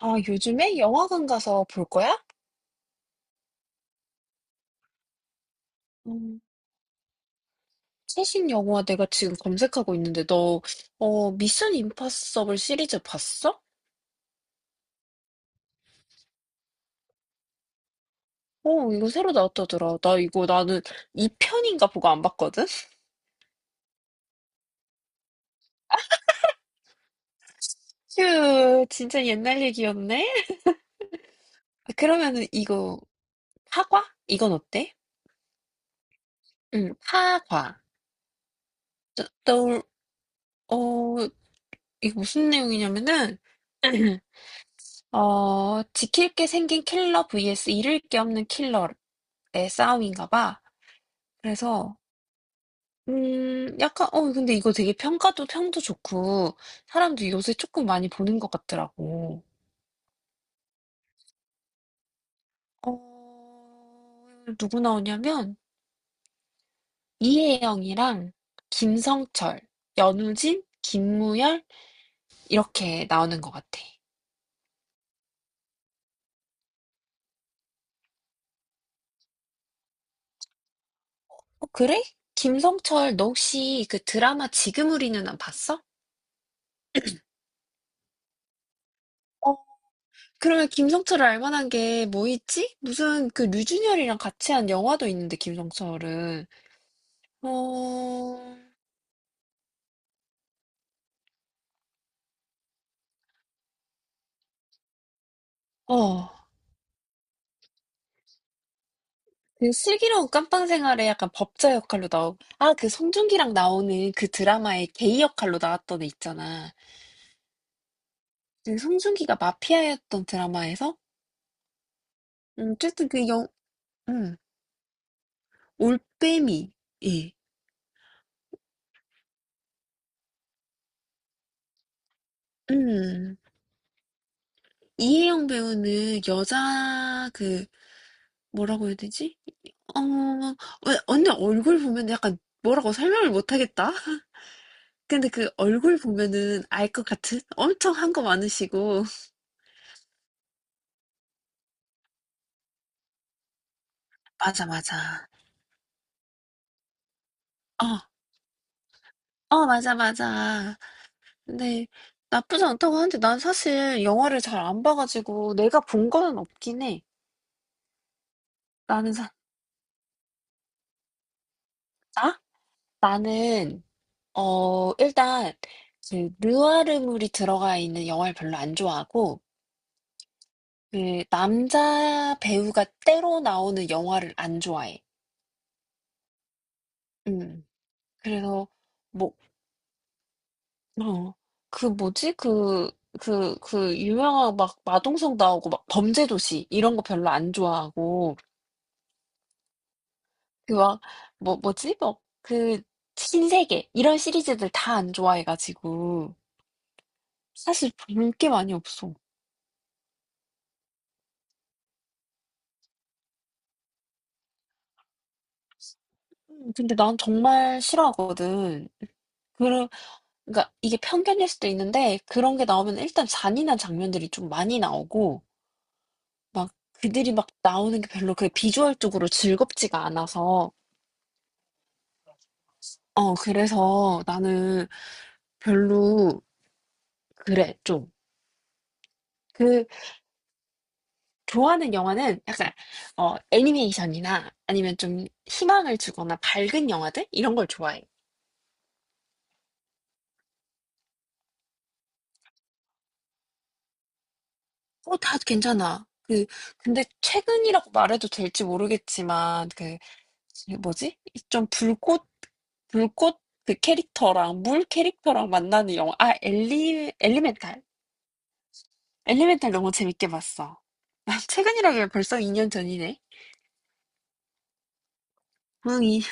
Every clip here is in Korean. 아, 요즘에 영화관 가서 볼 거야? 음, 최신 영화 내가 지금 검색하고 있는데 미션 임파서블 시리즈 봤어? 어, 이거 새로 나왔다더라. 나 이거 나는 2편인가 보고 안 봤거든? 휴, 진짜 옛날 얘기였네? 아, 그러면은 이거, 파과? 이건 어때? 응, 파과. 저- 너, 어, 이거 무슨 내용이냐면은, 지킬 게 생긴 킬러 vs 잃을 게 없는 킬러의 싸움인가 봐. 그래서 약간 근데 이거 되게 평가도 평도 좋고 사람들이 요새 조금 많이 보는 것 같더라고. 어 누구 나오냐면 이혜영이랑 김성철, 연우진, 김무열 이렇게 나오는 것 같아. 어 그래? 김성철 너 혹시 그 드라마 지금 우리 누안 봤어? 어 그러면 김성철을 알 만한 게 뭐 있지? 무슨 그 류준열이랑 같이 한 영화도 있는데 김성철은. 어. 어. 그 슬기로운 깜빵 생활에 약간 법자 역할로 나오고, 아, 그 송중기랑 나오는 그 드라마에 게이 역할로 나왔던 애 있잖아. 그 송중기가 마피아였던 드라마에서, 어쨌든 그 영, 음, 올빼미, 예. 음, 이혜영 배우는 여자, 그, 뭐라고 해야 되지? 어, 왜, 언니 얼굴 보면 약간 뭐라고 설명을 못 하겠다? 근데 그 얼굴 보면은 알 것 같은? 엄청 한 거 많으시고. 맞아, 맞아. 어, 어, 맞아, 맞아. 근데 나쁘지 않다고 하는데 난 사실 영화를 잘 안 봐가지고 내가 본 거는 없긴 해. 나는 사, 나? 나는, 어, 일단, 그, 느와르물이 들어가 있는 영화를 별로 안 좋아하고, 그, 남자 배우가 때로 나오는 영화를 안 좋아해. 음. 그래서, 뭐, 어, 그 뭐지? 그, 유명한 막 마동석 나오고 막 범죄도시 이런 거 별로 안 좋아하고, 그 막, 뭐, 뭐지? 뭐, 그, 신세계. 이런 시리즈들 다 안 좋아해가지고. 사실 볼 게 많이 없어. 근데 난 정말 싫어하거든. 그러, 그러니까 이게 편견일 수도 있는데, 그런 게 나오면 일단 잔인한 장면들이 좀 많이 나오고, 막 그들이 막 나오는 게 별로 그 비주얼적으로 즐겁지가 않아서, 그래서 나는 별로, 그래, 좀. 그, 좋아하는 영화는 약간 애니메이션이나 아니면 좀 희망을 주거나 밝은 영화들 이런 걸 좋아해. 어, 다 괜찮아. 그 근데 최근이라고 말해도 될지 모르겠지만 그 뭐지? 좀 불꽃 그 캐릭터랑 물 캐릭터랑 만나는 영화. 아, 엘리멘탈. 엘리멘탈 너무 재밌게 봤어. 아, 최근이라면 벌써 2년 전이네. 응, 이,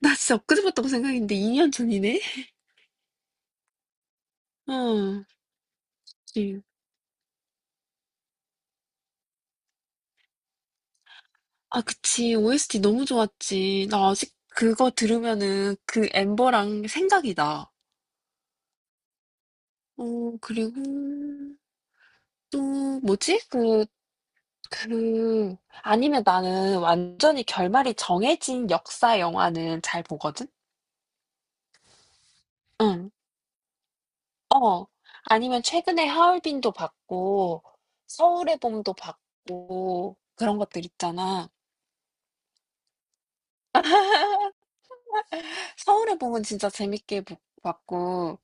나 진짜 엊그제 봤다고 생각했는데 2년 전이네. 어... 아, 그치. OST 너무 좋았지. 나 아직 그거 들으면은 그 엠버랑 생각이 나. 어, 그리고 또 뭐지? 그, 아니면 나는 완전히 결말이 정해진 역사 영화는 잘 보거든? 응. 어. 아니면 최근에 하얼빈도 봤고, 서울의 봄도 봤고, 그런 것들 있잖아. 서울의 봄은 진짜 재밌게 봤고,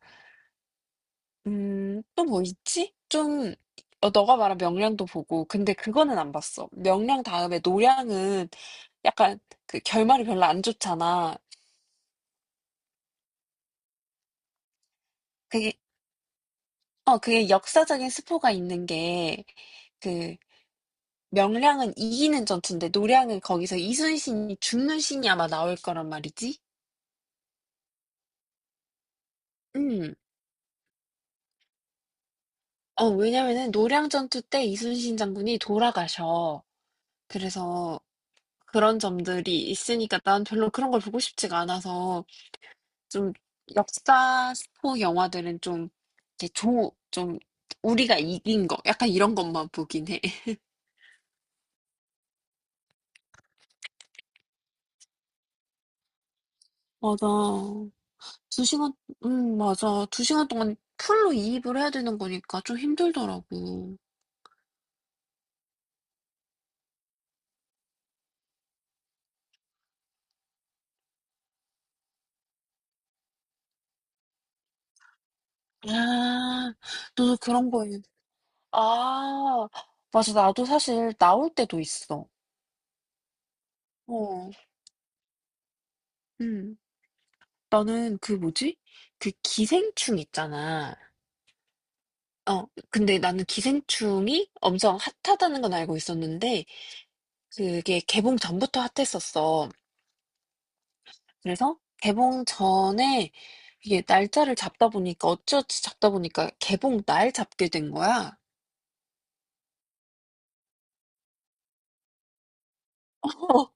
또 뭐 있지? 좀 너가 말한 명량도 보고 근데 그거는 안 봤어. 명량 다음에 노량은 약간 그 결말이 별로 안 좋잖아. 그게 그게 역사적인 스포가 있는 게 그 명량은 이기는 전투인데 노량은 거기서 이순신이 죽는 신이 아마 나올 거란 말이지. 음. 왜냐면은 노량 전투 때 이순신 장군이 돌아가셔. 그래서 그런 점들이 있으니까 난 별로 그런 걸 보고 싶지가 않아서 좀 역사 스포 영화들은 좀 이렇게 좀 우리가 이긴 거 약간 이런 것만 보긴 해. 맞아. 두 시간, 맞아. 두 시간 동안 풀로 이입을 해야 되는 거니까 좀 힘들더라고. 아, 너도 그런 거에. 아, 맞아. 나도 사실 나올 때도 있어. 어, 음. 나는 그 뭐지? 그 기생충 있잖아. 근데 나는 기생충이 엄청 핫하다는 건 알고 있었는데, 그게 개봉 전부터 핫했었어. 그래서 개봉 전에 이게 날짜를 잡다 보니까 어찌어찌 잡다 보니까 개봉 날 잡게 된 거야. 어,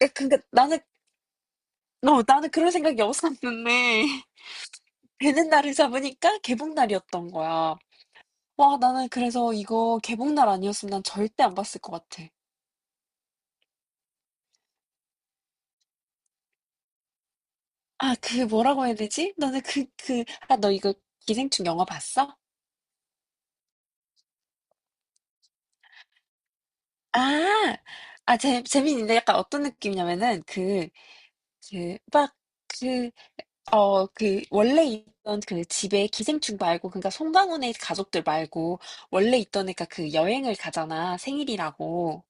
그니까 나는, 나는 그런 생각이 없었는데, 되는 날을 잡으니까 개봉 날이었던 거야. 와, 나는 그래서 이거 개봉 날 아니었으면 난 절대 안 봤을 것 같아. 아, 그 뭐라고 해야 되지? 너는 아, 너 이거 기생충 영화 봤어? 아, 아, 재밌는데 약간 어떤 느낌이냐면은 그, 막 그 그 원래 있던 그 집에 기생충 말고 그러니까 송강호네 가족들 말고 원래 있던 애가 그 여행을 가잖아. 생일이라고.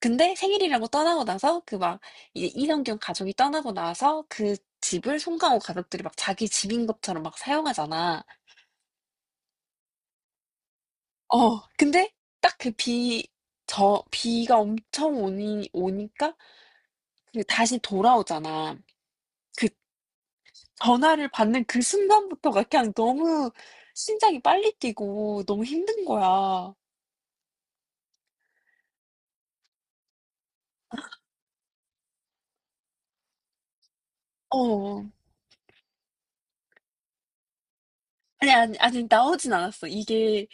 근데 생일이라고 떠나고 나서 그 막 이제 이성균 가족이 떠나고 나서 그 집을 송강호 가족들이 막 자기 집인 것처럼 막 사용하잖아. 어. 근데 딱 그 비 저 비가 엄청 오니까 그 다시 돌아오잖아. 그 전화를 받는 그 순간부터가 그냥 너무 심장이 빨리 뛰고 너무 힘든 거야. 어. 아니, 아니, 아니, 나오진 않았어. 이게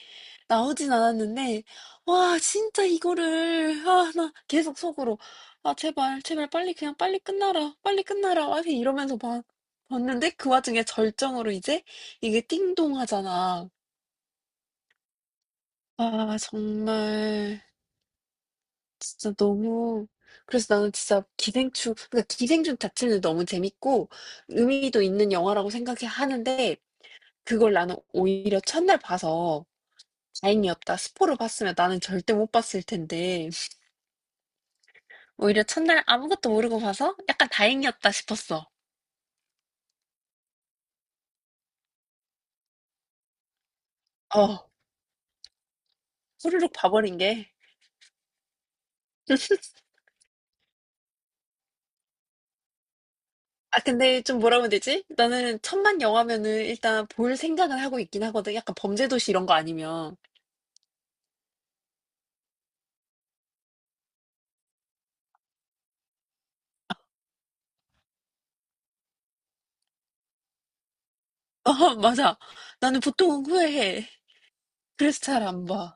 나오진 않았는데, 와, 진짜 이거를, 아, 나 계속 속으로, 아, 제발, 제발, 빨리, 그냥 빨리 끝나라, 빨리 끝나라, 막 이러면서 봤는데, 그 와중에 절정으로 이제, 이게 띵동 하잖아. 아, 정말. 진짜 너무 그래서 나는 진짜 기생충 그러니까 기생충 자체는 너무 재밌고 의미도 있는 영화라고 생각해 하는데 그걸 나는 오히려 첫날 봐서 다행이었다. 스포를 봤으면 나는 절대 못 봤을 텐데 오히려 첫날 아무것도 모르고 봐서 약간 다행이었다 싶었어. 어, 후루룩 봐버린 게. 아, 근데 좀 뭐라고 해야 되지? 나는 천만 영화면은 일단 볼 생각을 하고 있긴 하거든. 약간 범죄도시 이런 거 아니면. 어, 맞아. 나는 보통은 후회해. 그래서 잘 안 봐.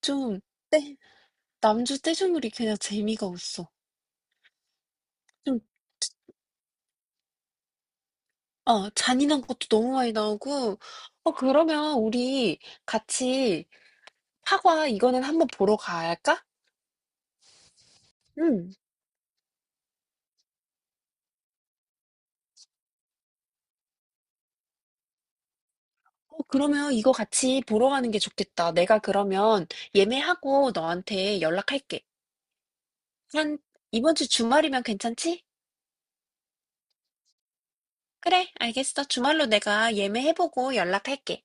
좀 때 남주 떼주물이 그냥 재미가 없어. 좀 잔인한 것도 너무 많이 나오고. 그러면 우리 같이 파과 이거는 한번 보러 갈까? 응. 그러면 이거 같이 보러 가는 게 좋겠다. 내가 그러면 예매하고 너한테 연락할게. 한 이번 주 주말이면 괜찮지? 그래, 알겠어. 주말로 내가 예매해보고 연락할게.